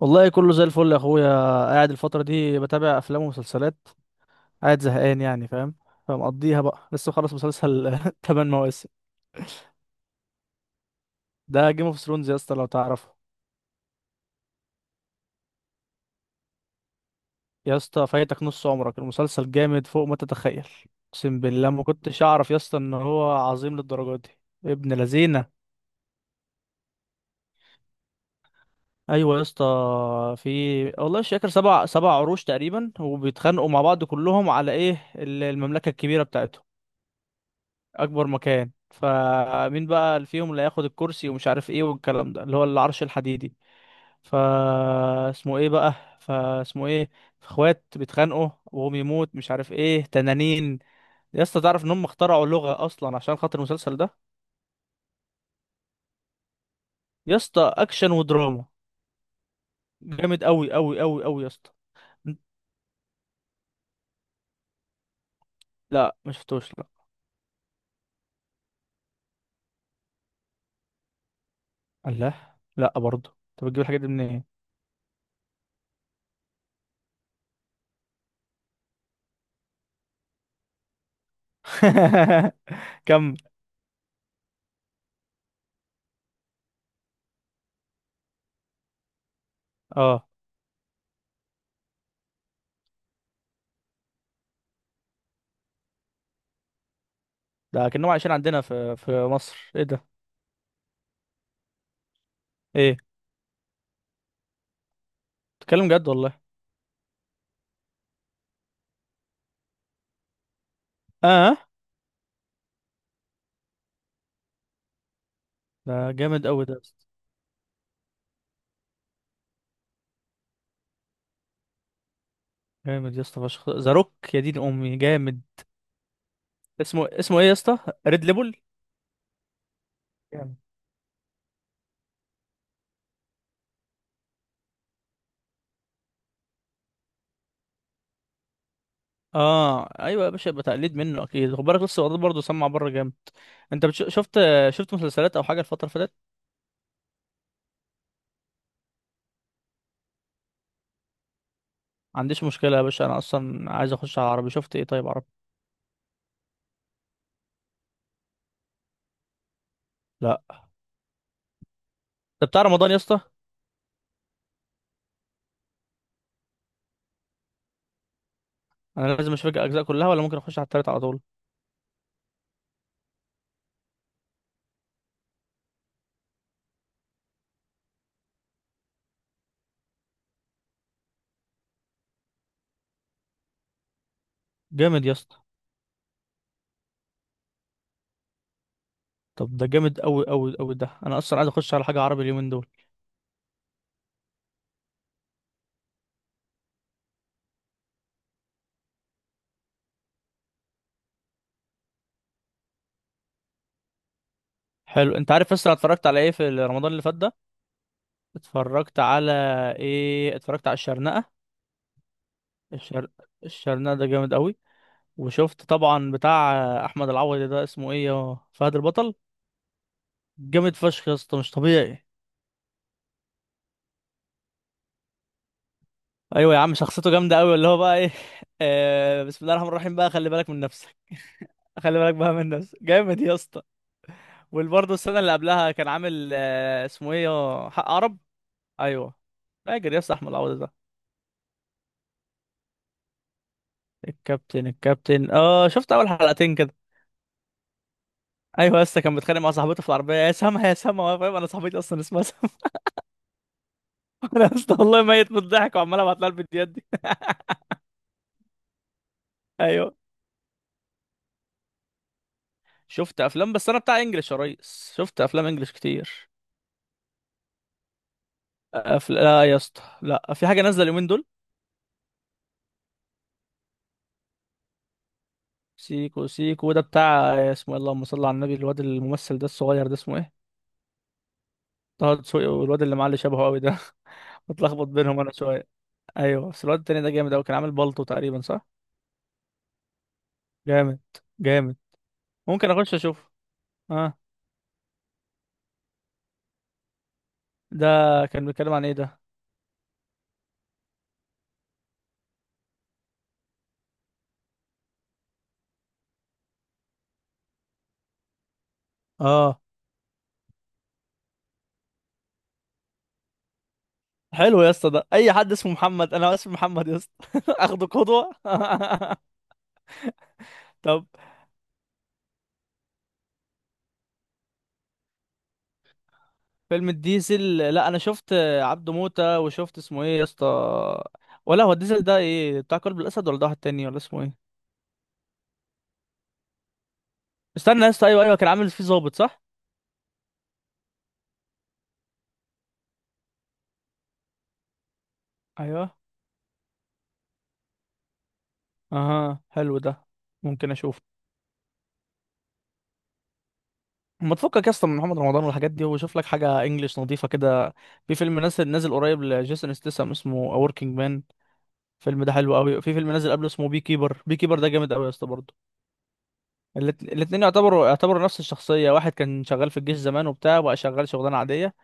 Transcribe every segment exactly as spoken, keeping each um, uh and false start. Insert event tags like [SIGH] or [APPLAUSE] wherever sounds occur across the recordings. والله كله زي الفل يا اخويا. قاعد الفترة دي بتابع افلام ومسلسلات. قاعد زهقان يعني فاهم. فمقضيها بقى، لسه خلص مسلسل [LAUGHS] تمن مواسم. ده جيم اوف ثرونز يا اسطى، لو تعرفه. يا اسطى فايتك نص عمرك، المسلسل جامد فوق ما تتخيل. اقسم بالله ما كنتش اعرف يا اسطى ان هو عظيم للدرجة دي، ابن لذينه. ايوه يا اسطى. في والله مش فاكر، سبع سبع عروش تقريبا، وبيتخانقوا مع بعض كلهم على ايه ال- المملكة الكبيرة بتاعتهم. اكبر مكان، فمين بقى اللي فيهم اللي هياخد الكرسي ومش عارف ايه والكلام ده اللي هو العرش الحديدي. فا اسمه ايه بقى فاسمه ايه اخوات بيتخانقوا وهم يموت مش عارف ايه تنانين. يا اسطى تعرف ان هم اخترعوا لغة اصلا عشان خاطر المسلسل ده. يا اسطى اكشن ودراما. جامد قوي قوي قوي قوي يا اسطى. لا ما شفتوش لا. الله، لا برضه انت بتجيب الحاجات دي منين؟ [LAUGHS] كمل. اه، ده كأنهم عايشين عندنا في في مصر، ايه ده؟ ايه، بتتكلم جد والله؟ اه، ده جامد قوي ده يا اسطى. جامد يا اسطى فشخ، ذا روك يا دين امي جامد. اسمه اسمه ايه يا اسطى؟ ريد ليبل. جامد. اه ايوه يا باشا، يبقى تقليد منه اكيد. خد بالك لسه الواد برضه سمع بره جامد. انت بتش... شفت شفت مسلسلات او حاجه الفتره اللي فاتت؟ ما عنديش مشكله يا باشا، انا اصلا عايز اخش على عربي. شفت ايه طيب عربي؟ لا. طب بتاع رمضان يا اسطى؟ انا لازم اشوف الاجزاء كلها ولا ممكن اخش على التالت على طول؟ جامد يا اسطى. طب ده جامد قوي قوي قوي ده، انا اصلا عايز اخش على حاجه عربي اليومين دول. حلو. انت عارف اصلا اتفرجت على ايه في رمضان اللي فات ده؟ اتفرجت على ايه اتفرجت على الشرنقة. الشر... الشرنقة ده جامد قوي. وشفت طبعا بتاع احمد العوضي ده، اسمه ايه، يا فهد البطل. جامد فشخ يا اسطى، مش طبيعي. ايوه يا عم، شخصيته جامده قوي، اللي هو بقى ايه [LAUGHS] آه بسم الله الرحمن الرحيم، بقى خلي بالك من نفسك. خلي بالك بقى من نفسك، جامد يا اسطى. وبرضه السنه اللي قبلها كان عامل، آه اسمه ايه، يا حق عرب. ايوه. فاكر يا اسطى احمد العوضي ده؟ الكابتن. الكابتن اه شفت اول حلقتين كده. ايوه يا اسطى، كان بيتخانق مع صاحبته في العربيه، يا سما يا سما، وانا فاهم، انا صاحبتي اصلا اسمها سما. [LAUGHS] انا يا اسطى والله ميت من الضحك، وعمال ابعت لها الفيديوهات دي. ايوه. شفت افلام، بس انا بتاع انجلش يا ريس، شفت افلام انجلش كتير. أفل... لا يا اسطى، لا، في حاجه نازله اليومين دول. سيكو سيكو ده، بتاع اسمه إيه؟ اللهم صل على النبي، الواد الممثل ده الصغير ده اسمه ايه؟ طه دسوقي، والواد اللي معاه اللي شبهه قوي ده. [LAUGHS] بتلخبط بينهم انا شويه. ايوه، بس الواد التاني ده جامد قوي، كان عامل بالطو تقريبا صح؟ جامد. جامد. ممكن اخش اشوف. اه ده، كان بيتكلم عن ايه ده؟ اه، حلو يا اسطى، ده اي حد اسمه محمد، انا اسمي محمد يا اسطى [LAUGHS] اخده قدوه [LAUGHS] طب فيلم الديزل، لا انا شفت عبده موتة، وشفت اسمه ايه يا اسطى، ولا هو الديزل ده ايه، بتاع قلب الاسد ولا ده واحد تاني ولا اسمه ايه؟ استنى يا اسطى، ايوه ايوه، كان عامل فيه ظابط صح؟ ايوه. اها، حلو ده. ممكن اشوف. ما تفكك يا اسطى من محمد رمضان والحاجات دي، وشوف لك حاجه انجليش نظيفه كده. في فيلم نازل نازل قريب لجيسون ستاثام اسمه A Working Man. الفيلم ده حلو قوي. في فيلم نازل قبله اسمه بي كيبر، بي كيبر ده جامد قوي يا اسطى برضه. الات- الاتنين يعتبروا يعتبروا نفس الشخصية، واحد كان شغال في الجيش زمان وبتاع، وبقى شغال شغلانة عادية.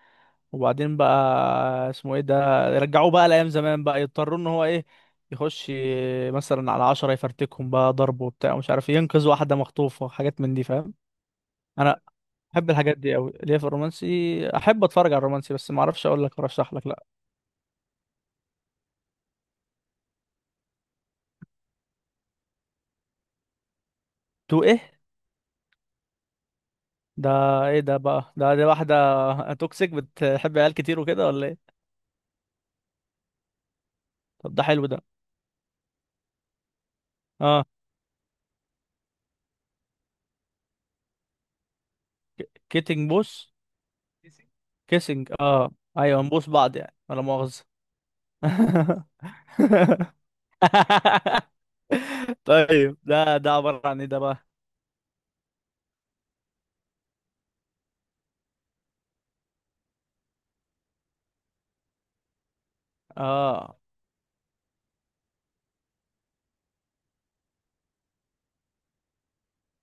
وبعدين بقى، اسمه ايه ده، رجعوه بقى لأيام زمان، بقى يضطروا ان هو ايه، يخش مثلا على عشرة يفرتكهم بقى ضرب وبتاع ومش عارف إيه، ينقذ واحدة مخطوفة، حاجات من دي فاهم. انا احب الحاجات دي قوي. ليه؟ في الرومانسي، احب اتفرج على الرومانسي، بس ما اعرفش اقول لك، ارشح لك لا. تو ايه؟ ده ايه ده بقى ده؟ دي واحدة [LAUGHS] توكسيك بتحب عيال كتير وكده ولا ايه؟ طب ده حلو ده. اه، كيتنج بوس؟ كيسنج اه. ايوه، نبوس بعض يعني، ولا مؤاخذة [LAUGHS] طيب، ده ده عبارة عن ايه ده بقى؟ اه،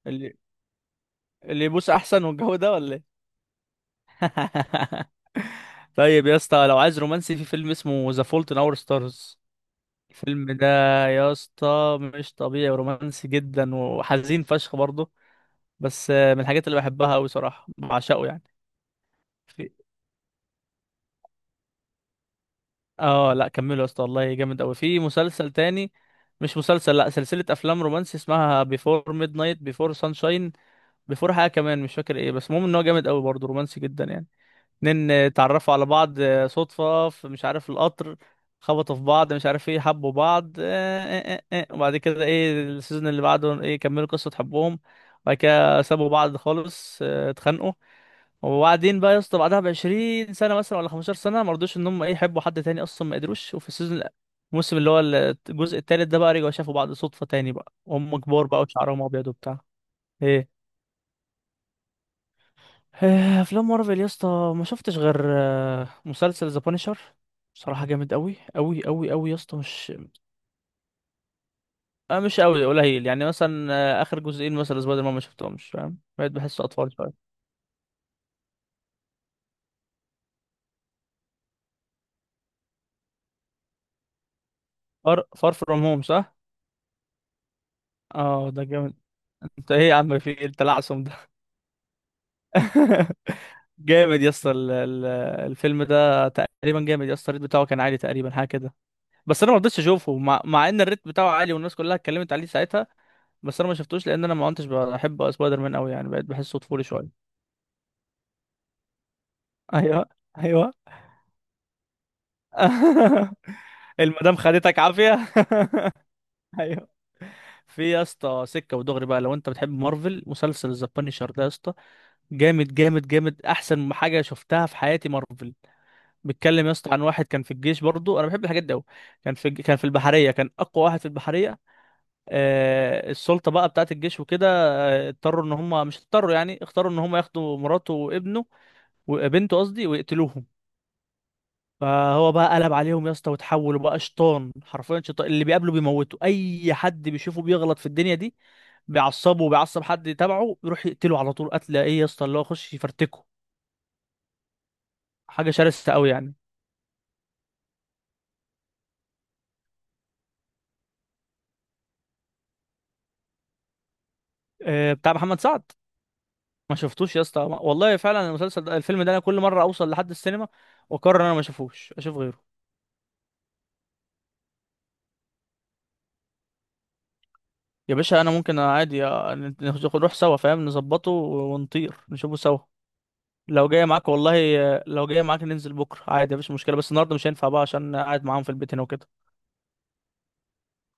اللي اللي يبوس احسن والجو ده ولا ايه؟ [LAUGHS] طيب يا اسطى، لو عايز رومانسي، في فيلم اسمه ذا فولت ان اور ستارز. الفيلم ده يا اسطى مش طبيعي، رومانسي جدا وحزين فشخ برضه. بس آه، من الحاجات اللي بحبها قوي صراحة، بعشقه يعني. اه لا، كملوا يا اسطى والله جامد قوي. في مسلسل تاني، مش مسلسل، لا، سلسلة افلام رومانسي اسمها بيفور ميد نايت، بيفور سانشاين، بيفور حاجة كمان مش فاكر ايه، بس المهم ان هو جامد قوي برضه، رومانسي جدا يعني. اتنين اتعرفوا على بعض آه، صدفة، في مش عارف القطر، خبطوا في بعض، مش عارف ايه، حبوا بعض اه اه اه اه. وبعد كده ايه، السيزون اللي بعده ايه، كملوا قصة حبهم. وبعد كده سابوا بعض خالص، اه، اتخانقوا. وبعدين بقى يا اسطى، بعدها ب 20 سنة مثلا ولا 15 سنة، ما رضوش ان هم ايه، يحبوا حد تاني اصلا ما قدروش. وفي السيزون، الموسم اللي هو الجزء التالت ده بقى، رجعوا شافوا بعض صدفة تاني بقى، وهم كبار بقى وشعرهم ابيض وبتاع. ايه؟ آه، افلام مارفل يا اسطى، ما شفتش غير آه، مسلسل ذا بانشر. صراحه جامد قوي قوي قوي قوي يا اسطى، مش آه، مش قوي قليل يعني مثلا. آه، اخر جزئين مثلا سبايدر مان ما شفتهمش فاهم، بقيت بحسه اطفال شويه. فار فار فروم هوم صح؟ اه ده جامد. [LAUGHS] انت ايه يا عم، في إيه التلعثم ده؟ [LAUGHS] جامد يا اسطى، ال- ال- الفيلم ده تقريبا جامد يا اسطى، الريت بتاعه كان عالي تقريبا حاجه كده. بس انا ما رضيتش اشوفه، مع, مع ان الريت بتاعه عالي والناس كلها اتكلمت عليه ساعتها. بس انا ما شفتوش، لان انا ما كنتش بحب سبايدر مان قوي يعني، بقيت بحسه طفولي شويه. ايوه. ايوه. [LAUGHS] المدام خدتك عافيه. [LAUGHS] ايوه. في يا اسطى سكه ودغري بقى، لو انت بتحب مارفل، مسلسل ذا بانيشر ده يا اسطى، جامد جامد جامد، احسن حاجه شفتها في حياتي مارفل. بيتكلم يا اسطى عن واحد كان في الجيش برضو، انا بحب الحاجات دي قوي. كان في كان في البحريه، كان اقوى واحد في البحريه. آه السلطه بقى بتاعت الجيش وكده، آه، اضطروا ان هم، مش اضطروا يعني، اختاروا ان هم ياخدوا مراته وابنه وبنته قصدي ويقتلوهم. فهو بقى قلب عليهم يا اسطى، وتحولوا بقى شيطان، حرفيا شيطان، اللي بيقابله بيموته، اي حد بيشوفه بيغلط في الدنيا دي بيعصبه وبيعصب حد تبعه، يروح يقتله على طول، قتله ايه يا اسطى، اللي هو يخش يفرتكه. حاجه شرسه قوي يعني. آه، بتاع محمد سعد، ما شفتوش يا اسطى والله. فعلا المسلسل ده الفيلم ده انا كل مره اوصل لحد السينما واقرر ان انا ما اشوفوش، اشوف غيره. يا باشا انا ممكن عادي، آه، ناخد- نروح سوا فاهم، نظبطه ونطير نشوفه سوا. لو جاي معاك والله، آه، لو جاي معاك ننزل بكره عادي مفيش مشكله، بس النهارده مش هينفع بقى عشان قاعد معاهم في البيت هنا وكده.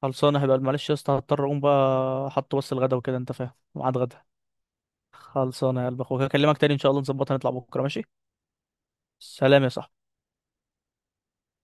خلصانه. هبقى معلش يا اسطى، هضطر اقوم بقى، احط بس الغدا وكده انت فاهم، ميعاد غدا. خلصانه يا قلب اخوك، هكلمك تاني ان شاء الله، نظبطها نطلع بكره ماشي. سلام يا صاحبي.